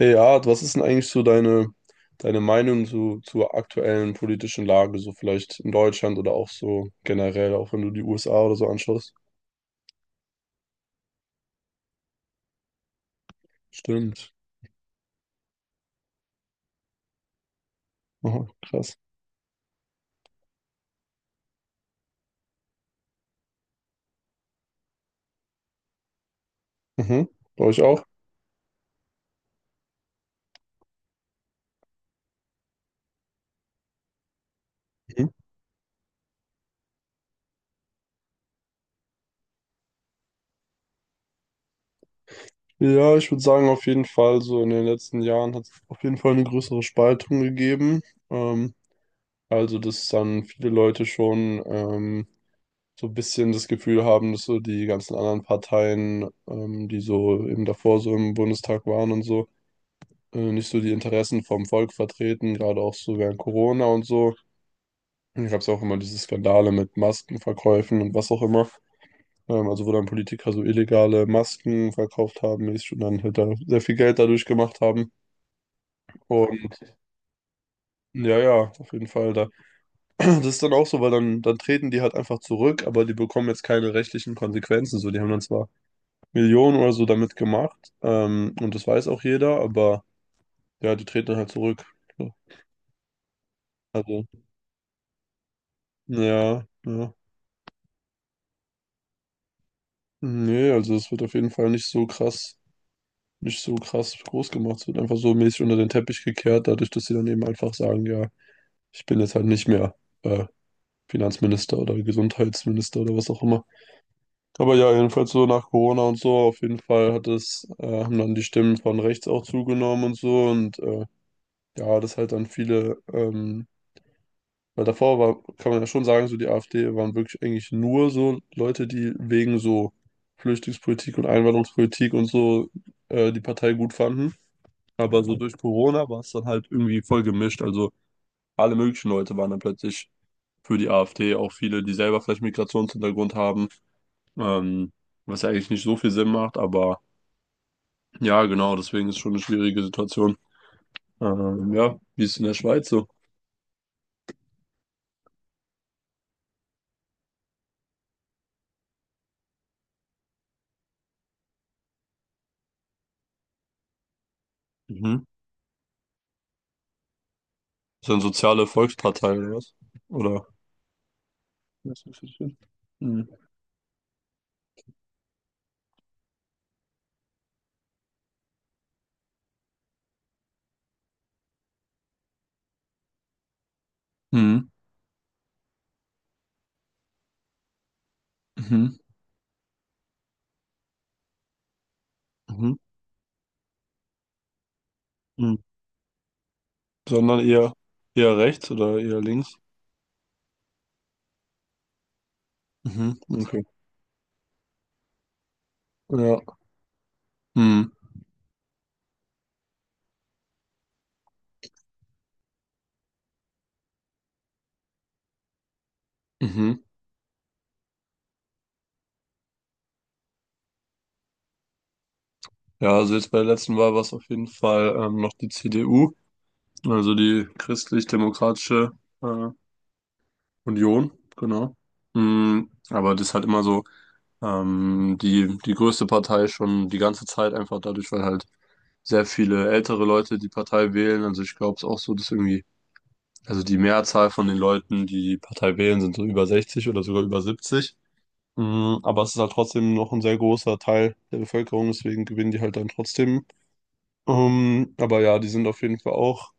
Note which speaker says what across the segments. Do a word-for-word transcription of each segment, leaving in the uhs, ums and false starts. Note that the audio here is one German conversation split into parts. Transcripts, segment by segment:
Speaker 1: Ja, was ist denn eigentlich so deine, deine Meinung so, zur aktuellen politischen Lage, so vielleicht in Deutschland oder auch so generell, auch wenn du die U S A oder so anschaust? Stimmt. Aha, krass. Mhm. Bei euch auch? Mhm. Ja, ich würde sagen, auf jeden Fall, so in den letzten Jahren hat es auf jeden Fall eine größere Spaltung gegeben. Ähm, also, dass dann viele Leute schon ähm, so ein bisschen das Gefühl haben, dass so die ganzen anderen Parteien, ähm, die so eben davor so im Bundestag waren und so, äh, nicht so die Interessen vom Volk vertreten, gerade auch so während Corona und so. Dann gab es auch immer diese Skandale mit Maskenverkäufen und was auch immer. Ähm, also wo dann Politiker so illegale Masken verkauft haben, mäßig und dann halt da sehr viel Geld dadurch gemacht haben. Und ja, ja, auf jeden Fall da. Das ist dann auch so, weil dann, dann treten die halt einfach zurück, aber die bekommen jetzt keine rechtlichen Konsequenzen. So, die haben dann zwar Millionen oder so damit gemacht, ähm, und das weiß auch jeder, aber ja, die treten dann halt zurück. So, Also, ja, ja. Nee, also es wird auf jeden Fall nicht so krass, nicht so krass groß gemacht. Es wird einfach so mäßig unter den Teppich gekehrt, dadurch, dass sie dann eben einfach sagen, ja, ich bin jetzt halt nicht mehr äh, Finanzminister oder Gesundheitsminister oder was auch immer. Aber ja, jedenfalls so nach Corona und so, auf jeden Fall hat es, äh, haben dann die Stimmen von rechts auch zugenommen und so und äh, ja, dass halt dann viele ähm, weil davor war, kann man ja schon sagen, so die AfD waren wirklich eigentlich nur so Leute, die wegen so Flüchtlingspolitik und Einwanderungspolitik und so äh, die Partei gut fanden. Aber so durch Corona war es dann halt irgendwie voll gemischt. Also alle möglichen Leute waren dann plötzlich für die AfD, auch viele, die selber vielleicht Migrationshintergrund haben, ähm, was ja eigentlich nicht so viel Sinn macht. Aber ja, genau, deswegen ist schon eine schwierige Situation. Ähm, ja, wie ist es in der Schweiz so? Mhm. Ist das eine soziale Volkspartei oder was? Oder? Das ist richtig. Mhm. Mhm. Mhm. Mhm. Mhm. Sondern eher eher rechts oder eher links. Mhm. Okay. Ja. Mhm. Mhm. Ja, also jetzt bei der letzten Wahl war es auf jeden Fall ähm, noch die C D U, also die Christlich-Demokratische äh, Union, genau. Mhm. Aber das ist halt immer so ähm, die, die größte Partei schon die ganze Zeit, einfach dadurch, weil halt sehr viele ältere Leute die Partei wählen. Also ich glaube es auch so, dass irgendwie also die Mehrzahl von den Leuten, die die Partei wählen, sind so über sechzig oder sogar über siebzig. Mm, aber es ist halt trotzdem noch ein sehr großer Teil der Bevölkerung, deswegen gewinnen die halt dann trotzdem. Ähm, aber ja, die sind auf jeden Fall auch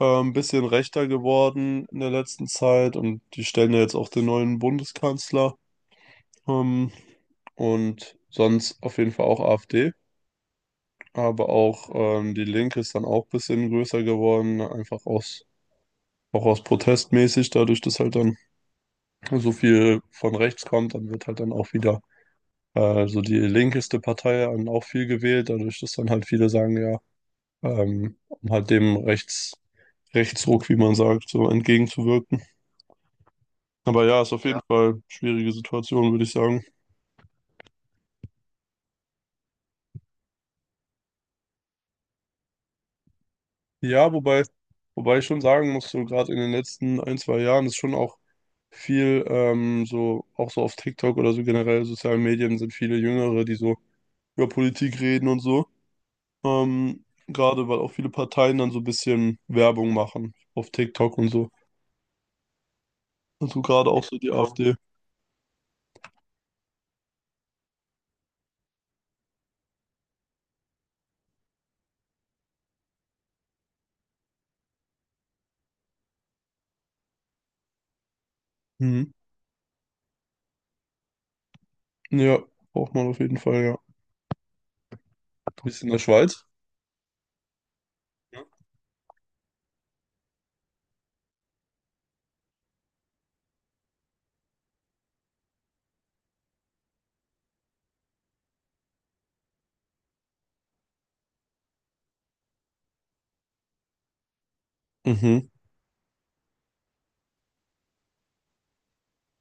Speaker 1: äh, ein bisschen rechter geworden in der letzten Zeit und die stellen ja jetzt auch den neuen Bundeskanzler. Ähm, und sonst auf jeden Fall auch AfD. Aber auch ähm, die Linke ist dann auch ein bisschen größer geworden, einfach aus, auch aus protestmäßig, dadurch, dass halt dann so viel von rechts kommt, dann wird halt dann auch wieder äh, so die linkeste Partei dann auch viel gewählt, dadurch, dass dann halt viele sagen, ja, ähm, um halt dem Rechts, Rechtsruck, wie man sagt, so entgegenzuwirken. Aber ja, ist auf jeden Ja. Fall schwierige Situation, würde ich sagen. Ja, wobei, wobei ich schon sagen muss, so gerade in den letzten ein, zwei Jahren ist schon auch viel, ähm, so, auch so auf TikTok oder so generell sozialen Medien sind viele Jüngere, die so über Politik reden und so. Ähm, gerade weil auch viele Parteien dann so ein bisschen Werbung machen auf TikTok und so. Also gerade auch so die Ja. AfD. Mhm. Ja, braucht man auf jeden Fall, ja. Du bist in der Schweiz? Mhm.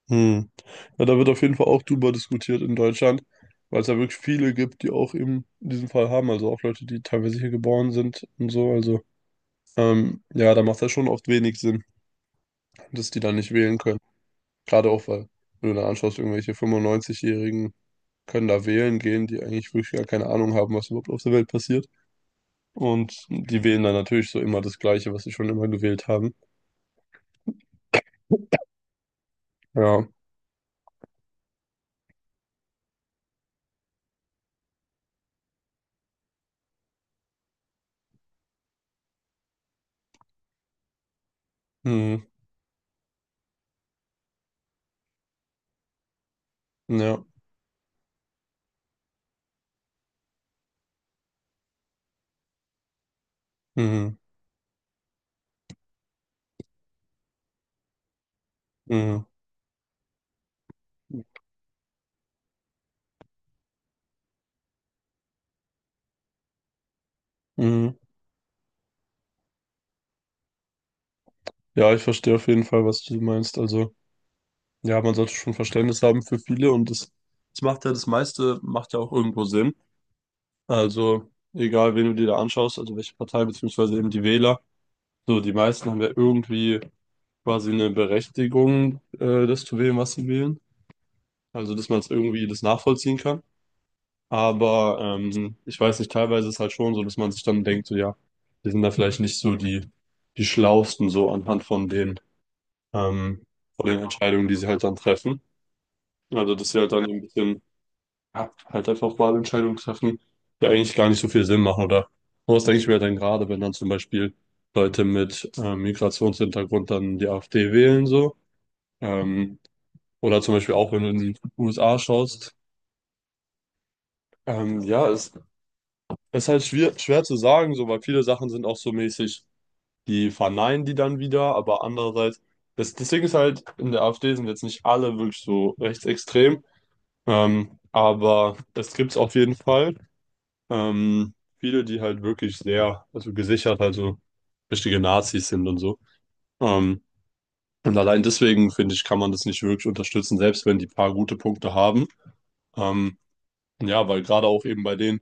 Speaker 1: Mhm. Ja, da wird auf jeden Fall auch drüber diskutiert in Deutschland, weil es ja wirklich viele gibt, die auch eben diesen Fall haben. Also auch Leute, die teilweise hier geboren sind und so. Also ähm, ja, da macht das schon oft wenig Sinn, dass die dann nicht wählen können. Gerade auch, weil, wenn du da anschaust, irgendwelche fünfundneunzig-Jährigen können da wählen gehen, die eigentlich wirklich gar keine Ahnung haben, was überhaupt auf der Welt passiert. Und die wählen dann natürlich so immer das Gleiche, was sie schon immer gewählt haben. Ja. Mhm. Ja. Mhm. Mhm. Mhm. Ja, ich verstehe auf jeden Fall, was du meinst. Also, ja, man sollte schon Verständnis haben für viele und das, das macht ja das meiste, macht ja auch irgendwo Sinn. Also, egal, wen du dir da anschaust, also welche Partei, beziehungsweise eben die Wähler, so die meisten haben ja irgendwie quasi eine Berechtigung, äh, das zu wählen, was sie wählen. Also, dass man es irgendwie das nachvollziehen kann. Aber ähm, ich weiß nicht, teilweise ist es halt schon so, dass man sich dann denkt, so ja, die sind da vielleicht nicht so die, die Schlausten so anhand von den, ähm, von den Entscheidungen, die sie halt dann treffen. Also, dass sie halt dann so ein bisschen ja, halt einfach Wahlentscheidungen treffen, die eigentlich gar nicht so viel Sinn machen. Oder was denke ich mir dann gerade, wenn dann zum Beispiel Leute mit äh, Migrationshintergrund dann die AfD wählen, so. Ähm, Oder zum Beispiel auch, wenn du in die U S A schaust. Ähm, ja, es ist halt schwer, schwer zu sagen, so, weil viele Sachen sind auch so mäßig, die verneinen die dann wieder, aber andererseits, das, das Ding ist halt, in der AfD sind jetzt nicht alle wirklich so rechtsextrem, ähm, aber es gibt's auf jeden Fall. Ähm, viele, die halt wirklich sehr, also gesichert, also richtige Nazis sind und so. Ähm, und allein deswegen, finde ich, kann man das nicht wirklich unterstützen, selbst wenn die paar gute Punkte haben. Ähm, ja, weil gerade auch eben bei denen,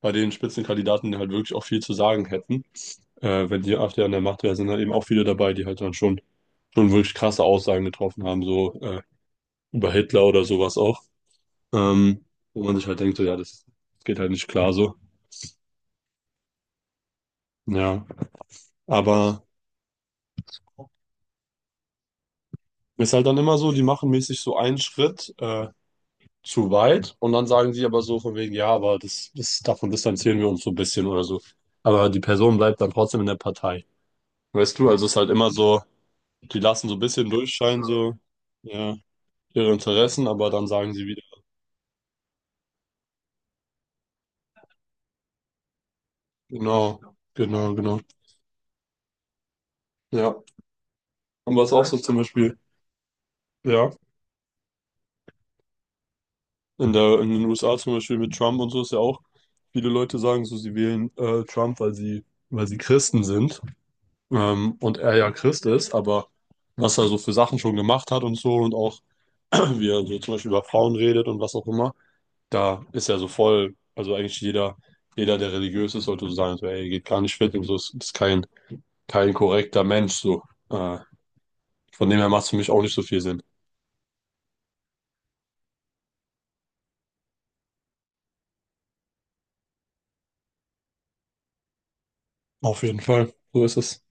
Speaker 1: bei den Spitzenkandidaten die halt wirklich auch viel zu sagen hätten. Äh, wenn die AfD an der Macht wäre, sind halt eben auch viele dabei, die halt dann schon, schon wirklich krasse Aussagen getroffen haben, so äh, über Hitler oder sowas auch. Ähm, wo man sich halt denkt, so, ja, das, das geht halt nicht klar so. Ja, aber ist halt dann immer so, die machen mäßig so einen Schritt äh, zu weit und dann sagen sie aber so von wegen, ja, aber das, das, davon distanzieren wir uns so ein bisschen oder so. Aber die Person bleibt dann trotzdem in der Partei. Weißt du, also es ist halt immer so, die lassen so ein bisschen durchscheinen, so, ja, ihre Interessen, aber dann sagen sie wieder. Genau, genau, genau. Ja. Und was auch so zum Beispiel, ja, in der, in den U S A zum Beispiel mit Trump und so ist ja auch, viele Leute sagen so, sie wählen äh, Trump, weil sie, weil sie Christen sind. Ähm, und er ja Christ ist, aber was er so für Sachen schon gemacht hat und so und auch, wie er so zum Beispiel über Frauen redet und was auch immer, da ist ja so voll, also eigentlich jeder, jeder, der religiös ist, sollte so sagen, so, ey, geht gar nicht fit und so, ist, ist kein kein korrekter Mensch, so. Äh, von dem her macht es für mich auch nicht so viel Sinn. Auf jeden Fall. So ist es.